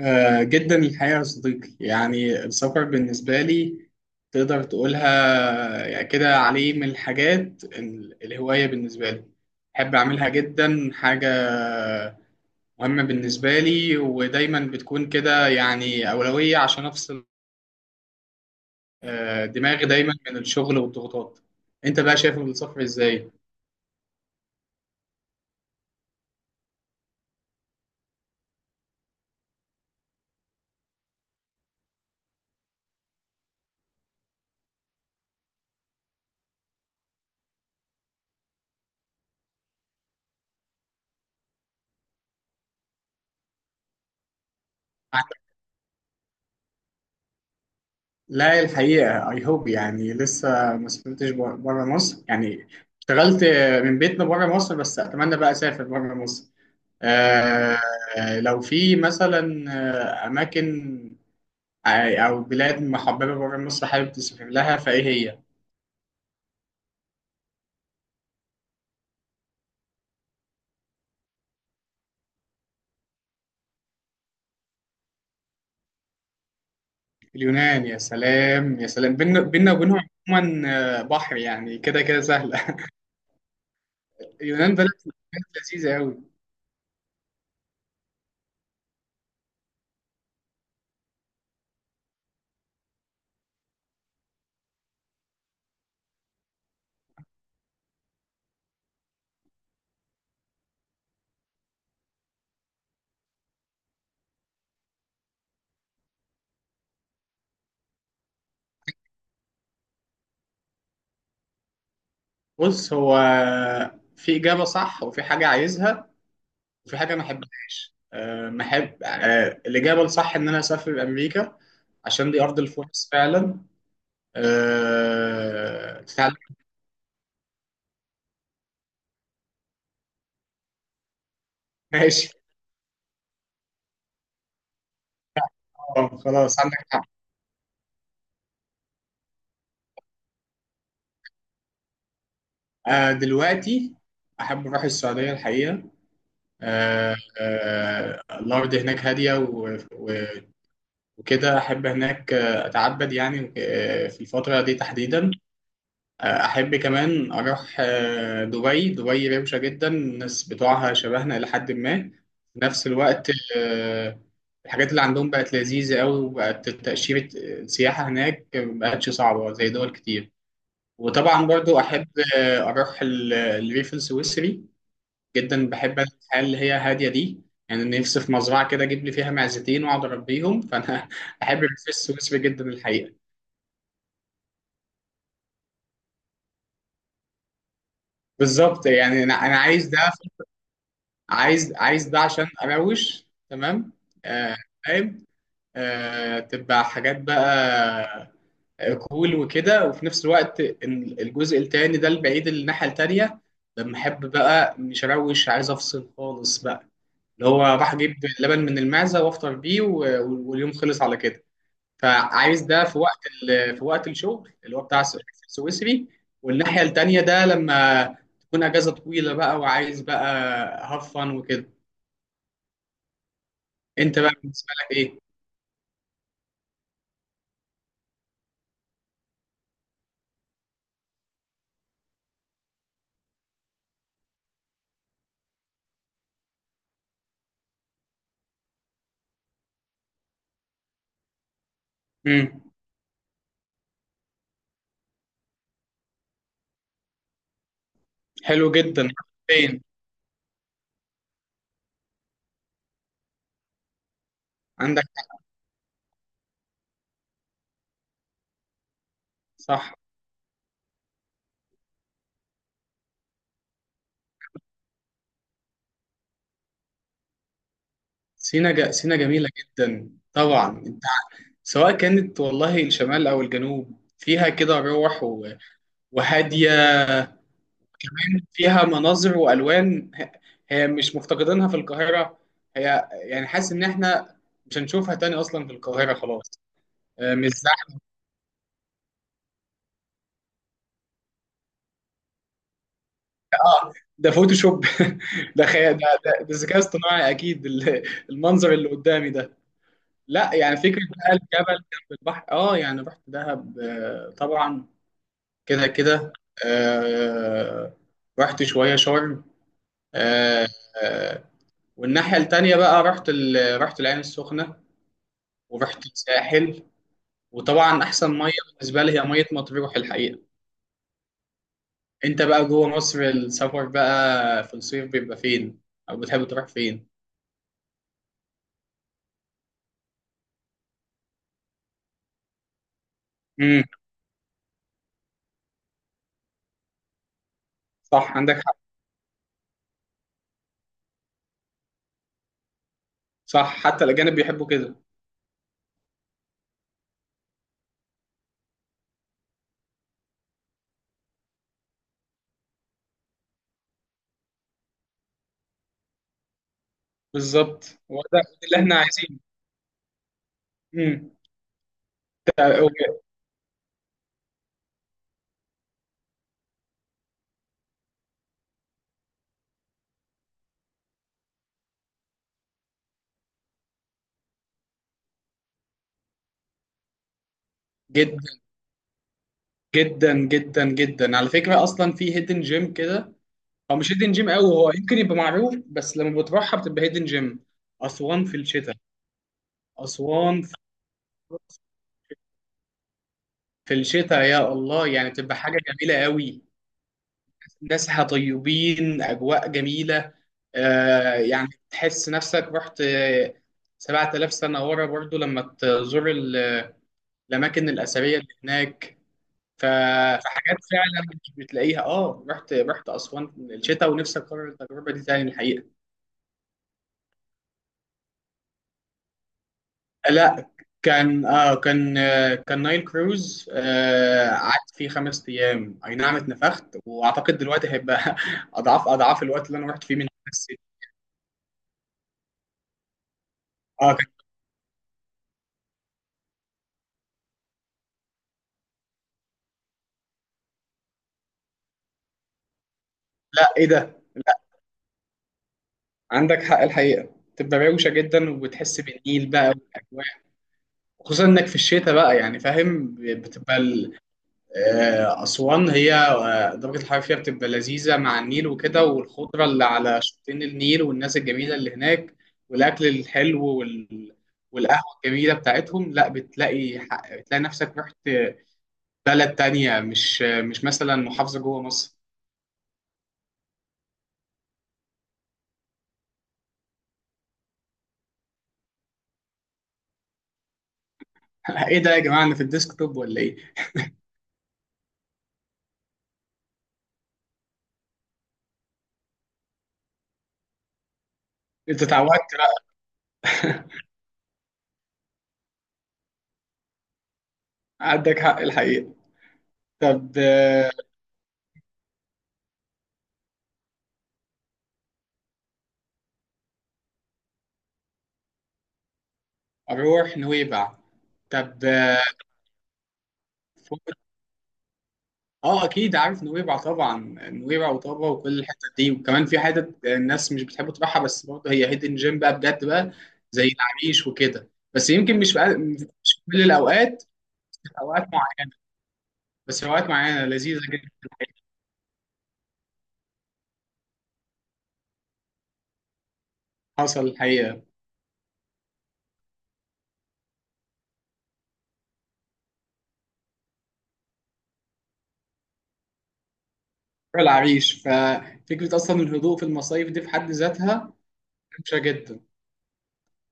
جدا الحقيقة يا صديقي، يعني السفر بالنسبة لي تقدر تقولها يعني كده، عليه من الحاجات الهواية بالنسبة لي بحب أعملها. جدا حاجة مهمة بالنسبة لي، ودايما بتكون كده يعني أولوية عشان أفصل دماغي دايما من الشغل والضغوطات. أنت بقى شايف السفر إزاي؟ لا، الحقيقة I hope يعني لسه ما سافرتش بره مصر. يعني اشتغلت من بيتنا بره مصر، بس أتمنى بقى أسافر بره مصر. آه، لو في مثلا أماكن أو بلاد محببة بره مصر حابب تسافر لها، فإيه هي؟ اليونان، يا سلام يا سلام. بينا بينا وبينهم. عموما بحر، يعني كده كده سهلة. اليونان بلد لذيذة أوي. بص، هو في إجابة صح وفي حاجة عايزها، في حاجة ما أحبهاش. ما أحب. الإجابة الصح إن أنا أسافر أمريكا، عشان دي أرض الفرص فعلا. أه، فعلا. ماشي. خلاص، عندك حق. أه، دلوقتي أحب أروح السعودية الحقيقة. أه أه، الأرض هناك هادية، وكده أحب هناك. أتعبد يعني، في الفترة دي تحديدا. احب كمان اروح دبي. دبي روشه جدا، الناس بتوعها شبهنا الى حد ما في نفس الوقت. آه، الحاجات اللي عندهم بقت لذيذه قوي، وبقت تاشيره السياحه هناك ما بقتش صعبه زي دول كتير. وطبعا برضو احب اروح الريف السويسري. جدا بحب أنا الحياه اللي هي هاديه دي. يعني نفسي في مزرعه كده اجيب لي فيها معزتين واقعد اربيهم، فانا احب الريف السويسري جدا الحقيقه. بالظبط. يعني أنا عايز ده. عايز ده عشان اروش تمام. آه، فاهم. تبقى حاجات بقى كول وكده، وفي نفس الوقت إن الجزء التاني ده البعيد اللي الناحية التانية لما احب بقى مش اروش، عايز افصل خالص بقى، اللي هو راح اجيب لبن من المعزة وافطر بيه، واليوم خلص على كده. فعايز ده في وقت في وقت الشغل اللي هو بتاع السويسري، والناحية التانية ده لما تكون اجازة طويلة بقى، وعايز بقى هفن وكده. انت بقى بالنسبه لك ايه؟ امم. حلو جدا. فين؟ عندك. صح. سينا سينا جميله جدا طبعا. انت سواء كانت والله الشمال او الجنوب، فيها كده روح و... وهاديه. كمان فيها مناظر والوان. هي مش مفتقدينها في القاهره. هي يعني، حاسس ان احنا مش هنشوفها تاني اصلا في القاهره، خلاص. مش زحمه. اه، ده فوتوشوب. ده خيال، ده ذكاء اصطناعي اكيد، المنظر اللي قدامي ده. لا، يعني فكرة بقى الجبل جنب البحر. اه، يعني رحت دهب طبعا، كده كده. آه، رحت شوية شرم. آه، آه، والناحية التانية بقى رحت العين السخنة، ورحت الساحل. وطبعا أحسن مية بالنسبة لي هي مية مطروح الحقيقة. أنت بقى جوه مصر، السفر بقى في الصيف بيبقى فين؟ أو بتحب تروح فين؟ امم. صح، عندك حق. صح، حتى الأجانب بيحبوا كده. بالظبط، هو ده اللي احنا عايزينه. امم. جدا جدا جدا جدا، على فكرة، أصلا في هيدن جيم كده. هو مش هيدن جيم قوي، هو يمكن يبقى معروف، بس لما بتروحها بتبقى هيدن جيم. أسوان في الشتاء. أسوان في في الشتاء، يا الله، يعني بتبقى حاجة جميلة قوي. ناسها طيبين، أجواء جميلة. آه يعني تحس نفسك رحت 7000 سنة ورا، برضو لما تزور الأماكن الأثرية اللي هناك. ف- فحاجات فعلا مش بتلاقيها. اه، رحت اسوان الشتاء، ونفسي اكرر التجربه دي تاني الحقيقه. لا، كان. كان نايل كروز. آه، قعدت فيه 5 ايام، اي نعم، اتنفخت. واعتقد دلوقتي هيبقى اضعاف الوقت اللي انا رحت فيه من. بس اه، كان. لا، ايه ده؟ عندك حق الحقيقه. تبقى روشه جدا، وبتحس بالنيل بقى والاجواء. خصوصا انك في الشتاء بقى يعني، فاهم، بتبقى أسوان هي درجة الحرارة فيها بتبقى لذيذة مع النيل وكده، والخضرة اللي على شطين النيل والناس الجميلة اللي هناك، والأكل الحلو، والقهوة الجميلة بتاعتهم. لا، بتلاقي نفسك رحت بلد تانية، مش مثلا محافظة جوه مصر. إيه ده يا جماعة، أنا في الديسكتوب ولا إيه؟ أنت اتعودت. لا، عندك حق الحقيقة. طب أروح نويبع. طب فوق. اه، اكيد عارف نويبع طبعا. نويبع وطابا وكل الحتت دي. وكمان في حتت الناس مش بتحب تروحها، بس برضه هي هيدن جيم بقى، بجد بقى، زي العريش وكده. بس يمكن مش بقى، مش في كل الاوقات، في اوقات معينه. بس في اوقات معينه لذيذه جدا. حصل الحقيقه. روح العريش، ففكره اصلا الهدوء في المصايف دي في حد ذاتها ممشى جدا.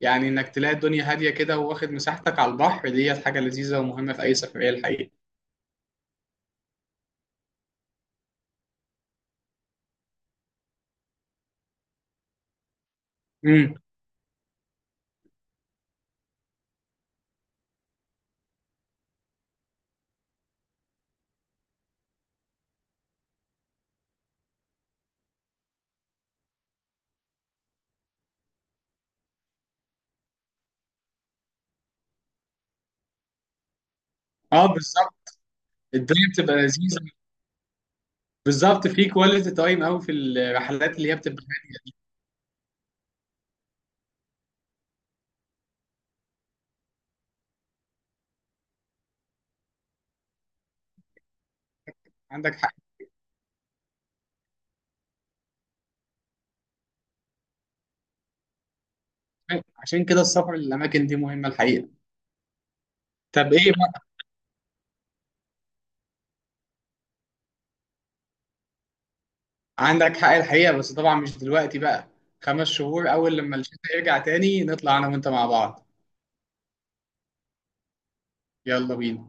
يعني انك تلاقي الدنيا هاديه كده، واخد مساحتك على البحر، ديت حاجه لذيذه ومهمه في اي سفريه الحقيقه. امم. اه، بالظبط. الدنيا بتبقى لذيذه، بالظبط. في كواليتي تايم قوي في الرحلات اللي هي بتبقى. عندك حق. عشان كده السفر للاماكن دي مهمه الحقيقه. طب ايه بقى؟ عندك حق الحقيقه، بس طبعا مش دلوقتي بقى. 5 شهور اول لما الشتاء يرجع تاني، نطلع انا وانت مع بعض. يلا بينا.